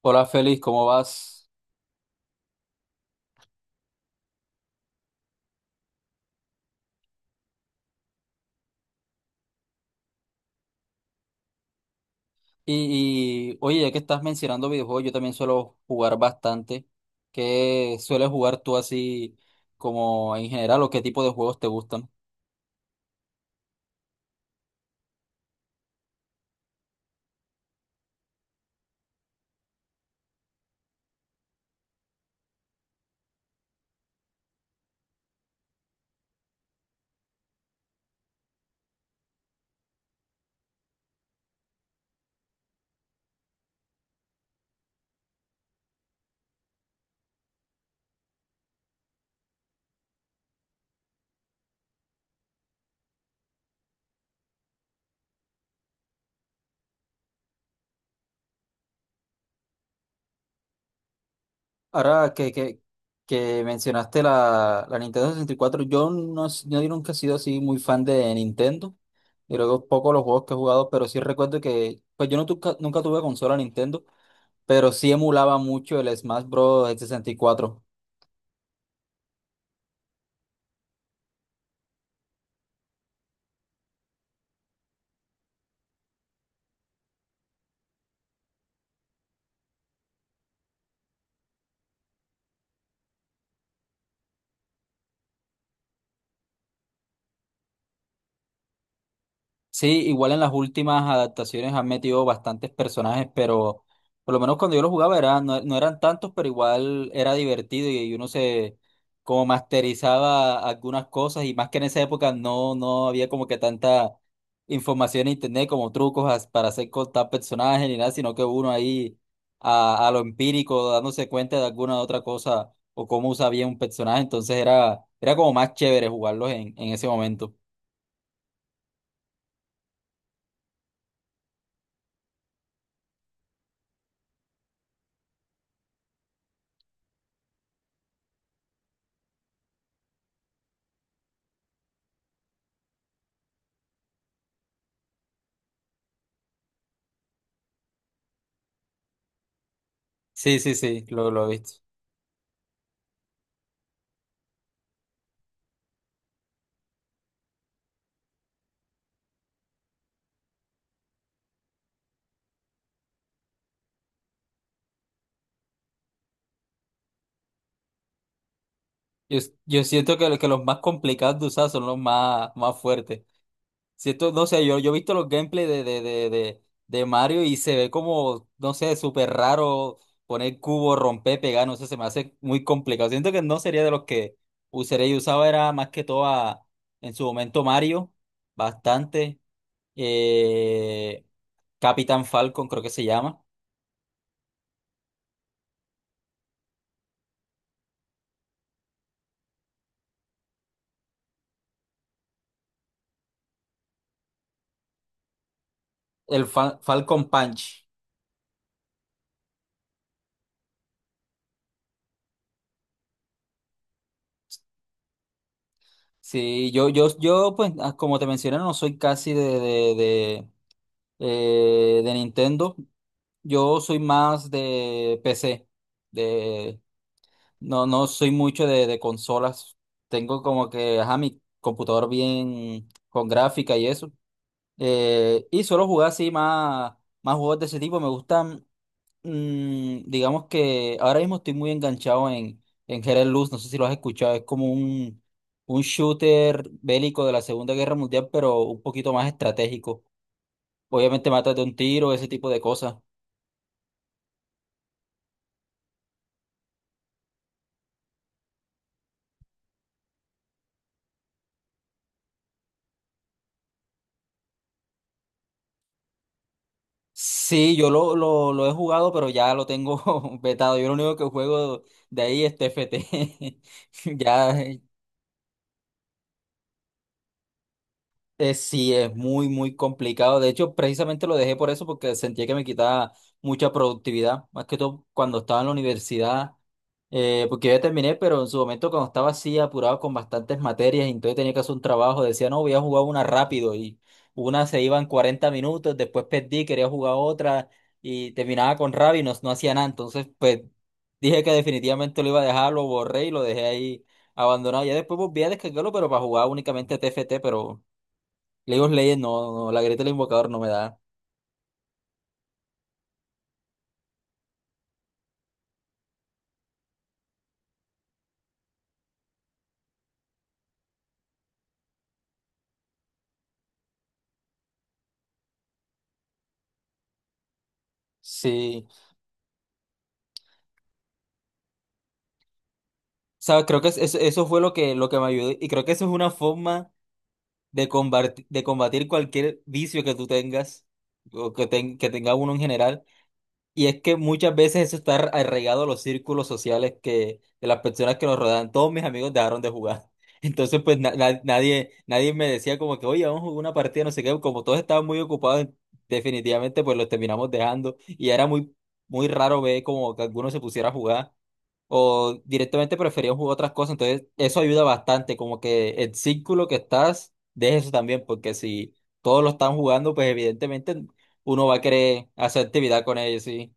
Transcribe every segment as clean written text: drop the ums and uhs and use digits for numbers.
Hola Félix, ¿cómo vas? Oye, ya que estás mencionando videojuegos, yo también suelo jugar bastante. ¿Qué sueles jugar tú así como en general o qué tipo de juegos te gustan? Ahora que mencionaste la Nintendo 64, yo no, yo nunca he sido así muy fan de Nintendo. Y luego poco los juegos que he jugado, pero sí recuerdo que, pues yo no nunca tuve consola Nintendo, pero sí emulaba mucho el Smash Bros. Sesenta y cuatro. Sí, igual en las últimas adaptaciones han metido bastantes personajes, pero por lo menos cuando yo lo jugaba era, no, no eran tantos, pero igual era divertido y uno se como masterizaba algunas cosas y más que en esa época no, no había como que tanta información en internet como trucos para hacer con tal personaje ni nada, sino que uno ahí a lo empírico dándose cuenta de alguna otra cosa o cómo usa bien un personaje, entonces era, era como más chévere jugarlos en ese momento. Sí, sí, sí, lo he visto. Yo, yo siento que los más complicados de usar son los más, más fuertes. Siento, no sé, yo he visto los gameplays de Mario y se ve como, no sé, súper raro poner cubo, romper, pegar, no sé, se me hace muy complicado. Siento que no sería de los que usaría. Yo usaba era más que todo en su momento Mario, bastante. Eh, Capitán Falcon creo que se llama. Falcon Punch. Sí, pues, como te mencioné, no soy casi de Nintendo. Yo soy más de PC. De, no, no soy mucho de consolas. Tengo como que, ajá, mi computador bien con gráfica y eso. Y suelo jugar así más, más juegos de ese tipo. Me gustan. Digamos que ahora mismo estoy muy enganchado en Hero Luz, no sé si lo has escuchado, es como un shooter bélico de la Segunda Guerra Mundial, pero un poquito más estratégico. Obviamente matas de un tiro, ese tipo de cosas. Sí, yo lo he jugado, pero ya lo tengo vetado. Yo lo único que juego de ahí es TFT. Ya, sí, es muy, muy complicado. De hecho, precisamente lo dejé por eso, porque sentía que me quitaba mucha productividad, más que todo cuando estaba en la universidad, porque ya terminé, pero en su momento cuando estaba así apurado con bastantes materias, y entonces tenía que hacer un trabajo, decía, no, voy a jugar una rápido y una se iba en 40 minutos, después perdí, quería jugar otra y terminaba con rabia y no, no hacía nada. Entonces, pues dije que definitivamente lo iba a dejar, lo borré y lo dejé ahí abandonado. Ya después volví a descargarlo, pero para jugar únicamente TFT, pero... League of Legends, no, no, la grieta del invocador no me da. Sí. Sabes, creo que eso fue lo que me ayudó. Y creo que eso es una forma de combatir cualquier vicio que tú tengas, o que tenga uno en general. Y es que muchas veces eso está arraigado a los círculos sociales que, de las personas que nos rodean. Todos mis amigos dejaron de jugar. Entonces, pues nadie me decía como que, oye, vamos a jugar una partida, no sé qué. Como todos estaban muy ocupados, definitivamente, pues los terminamos dejando. Y era muy, muy raro ver como que alguno se pusiera a jugar. O directamente preferían jugar otras cosas. Entonces, eso ayuda bastante. Como que el círculo que estás, deja eso también. Porque si todos lo están jugando, pues evidentemente uno va a querer hacer actividad con ellos, sí.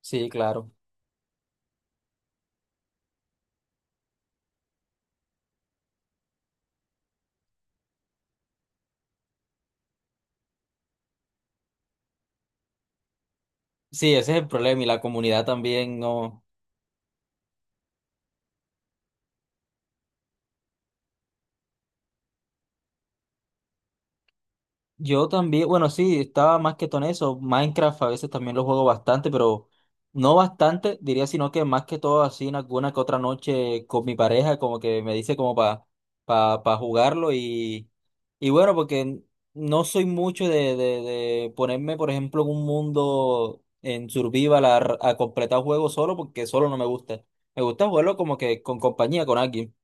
Sí, claro. Sí, ese es el problema y la comunidad también, no. Yo también, bueno, sí, estaba más que todo en eso. Minecraft a veces también lo juego bastante, pero no bastante, diría, sino que más que todo así en alguna que otra noche con mi pareja, como que me dice como para pa, pa pa jugarlo y bueno, porque no soy mucho de ponerme, por ejemplo, en un mundo en survival a completar juegos solo porque solo no me gusta. Me gusta jugarlo como que con compañía, con alguien.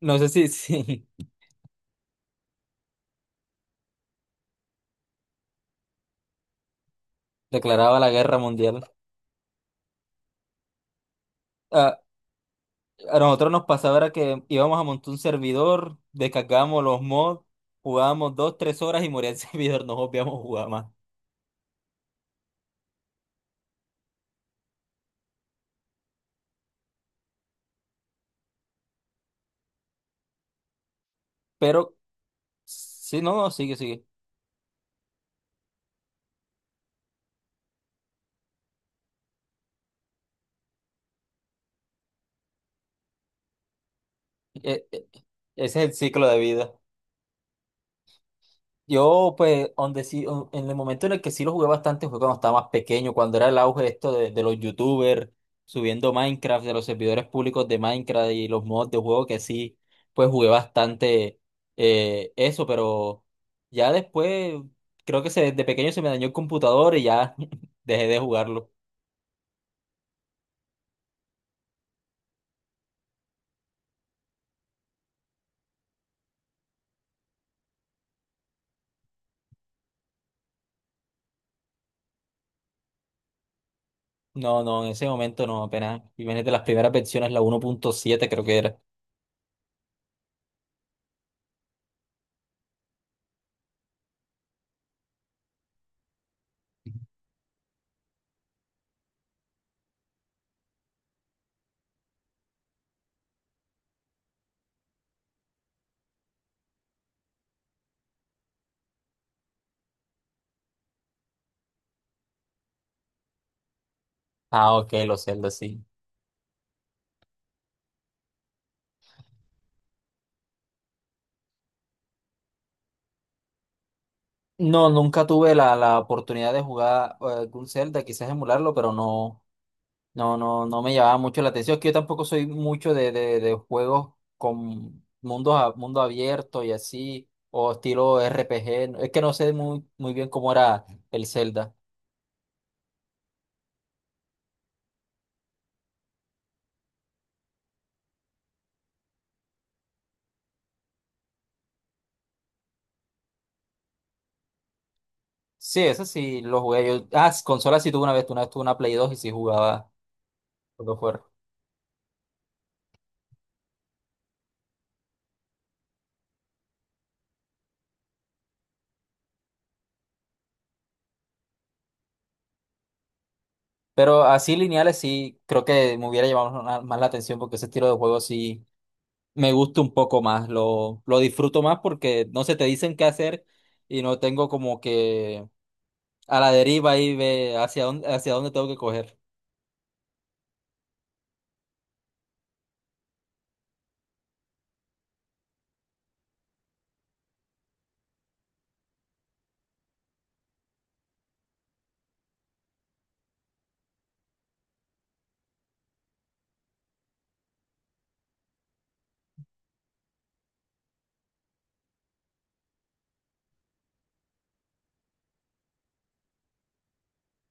No sé si declaraba la guerra mundial. A, a nosotros nos pasaba era que íbamos a montar un servidor, descargábamos los mods, jugábamos dos, tres horas y moría el servidor, nos obviamos jugar más. Pero, sí, no, no, sigue, sigue. E- e- ese es el ciclo de vida. Yo, pues, donde sí, en el momento en el que sí lo jugué bastante fue cuando estaba más pequeño, cuando era el auge esto de los youtubers subiendo Minecraft, de los servidores públicos de Minecraft y los mods de juego que sí, pues jugué bastante eso, pero ya después creo desde pequeño se me dañó el computador y ya dejé de jugarlo. No, no, en ese momento no, apenas, imagínate las primeras versiones, la 1.7 creo que era. Ah, ok, los Zelda, sí. No, nunca tuve la oportunidad de jugar algún Zelda, quizás emularlo, pero no, no me llamaba mucho la atención. Es que yo tampoco soy mucho de juegos con mundos mundo abierto y así, o estilo RPG. Es que no sé muy, muy bien cómo era el Zelda. Sí, eso sí lo jugué yo. Ah, consola sí tuve una vez tuve una Play 2 y sí jugaba lo que fuera. Pero así lineales sí, creo que me hubiera llamado más más la atención porque ese estilo de juego sí me gusta un poco más, lo disfruto más porque no se te dicen qué hacer y no tengo como que a la deriva y ve hacia dónde tengo que coger.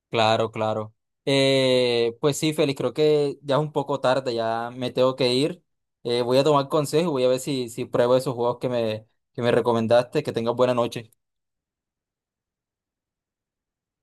Claro, claro. Pues sí, Félix, creo que ya es un poco tarde, ya me tengo que ir. Voy a tomar consejo y voy a ver si pruebo esos juegos que me recomendaste. Que tengas buena noche.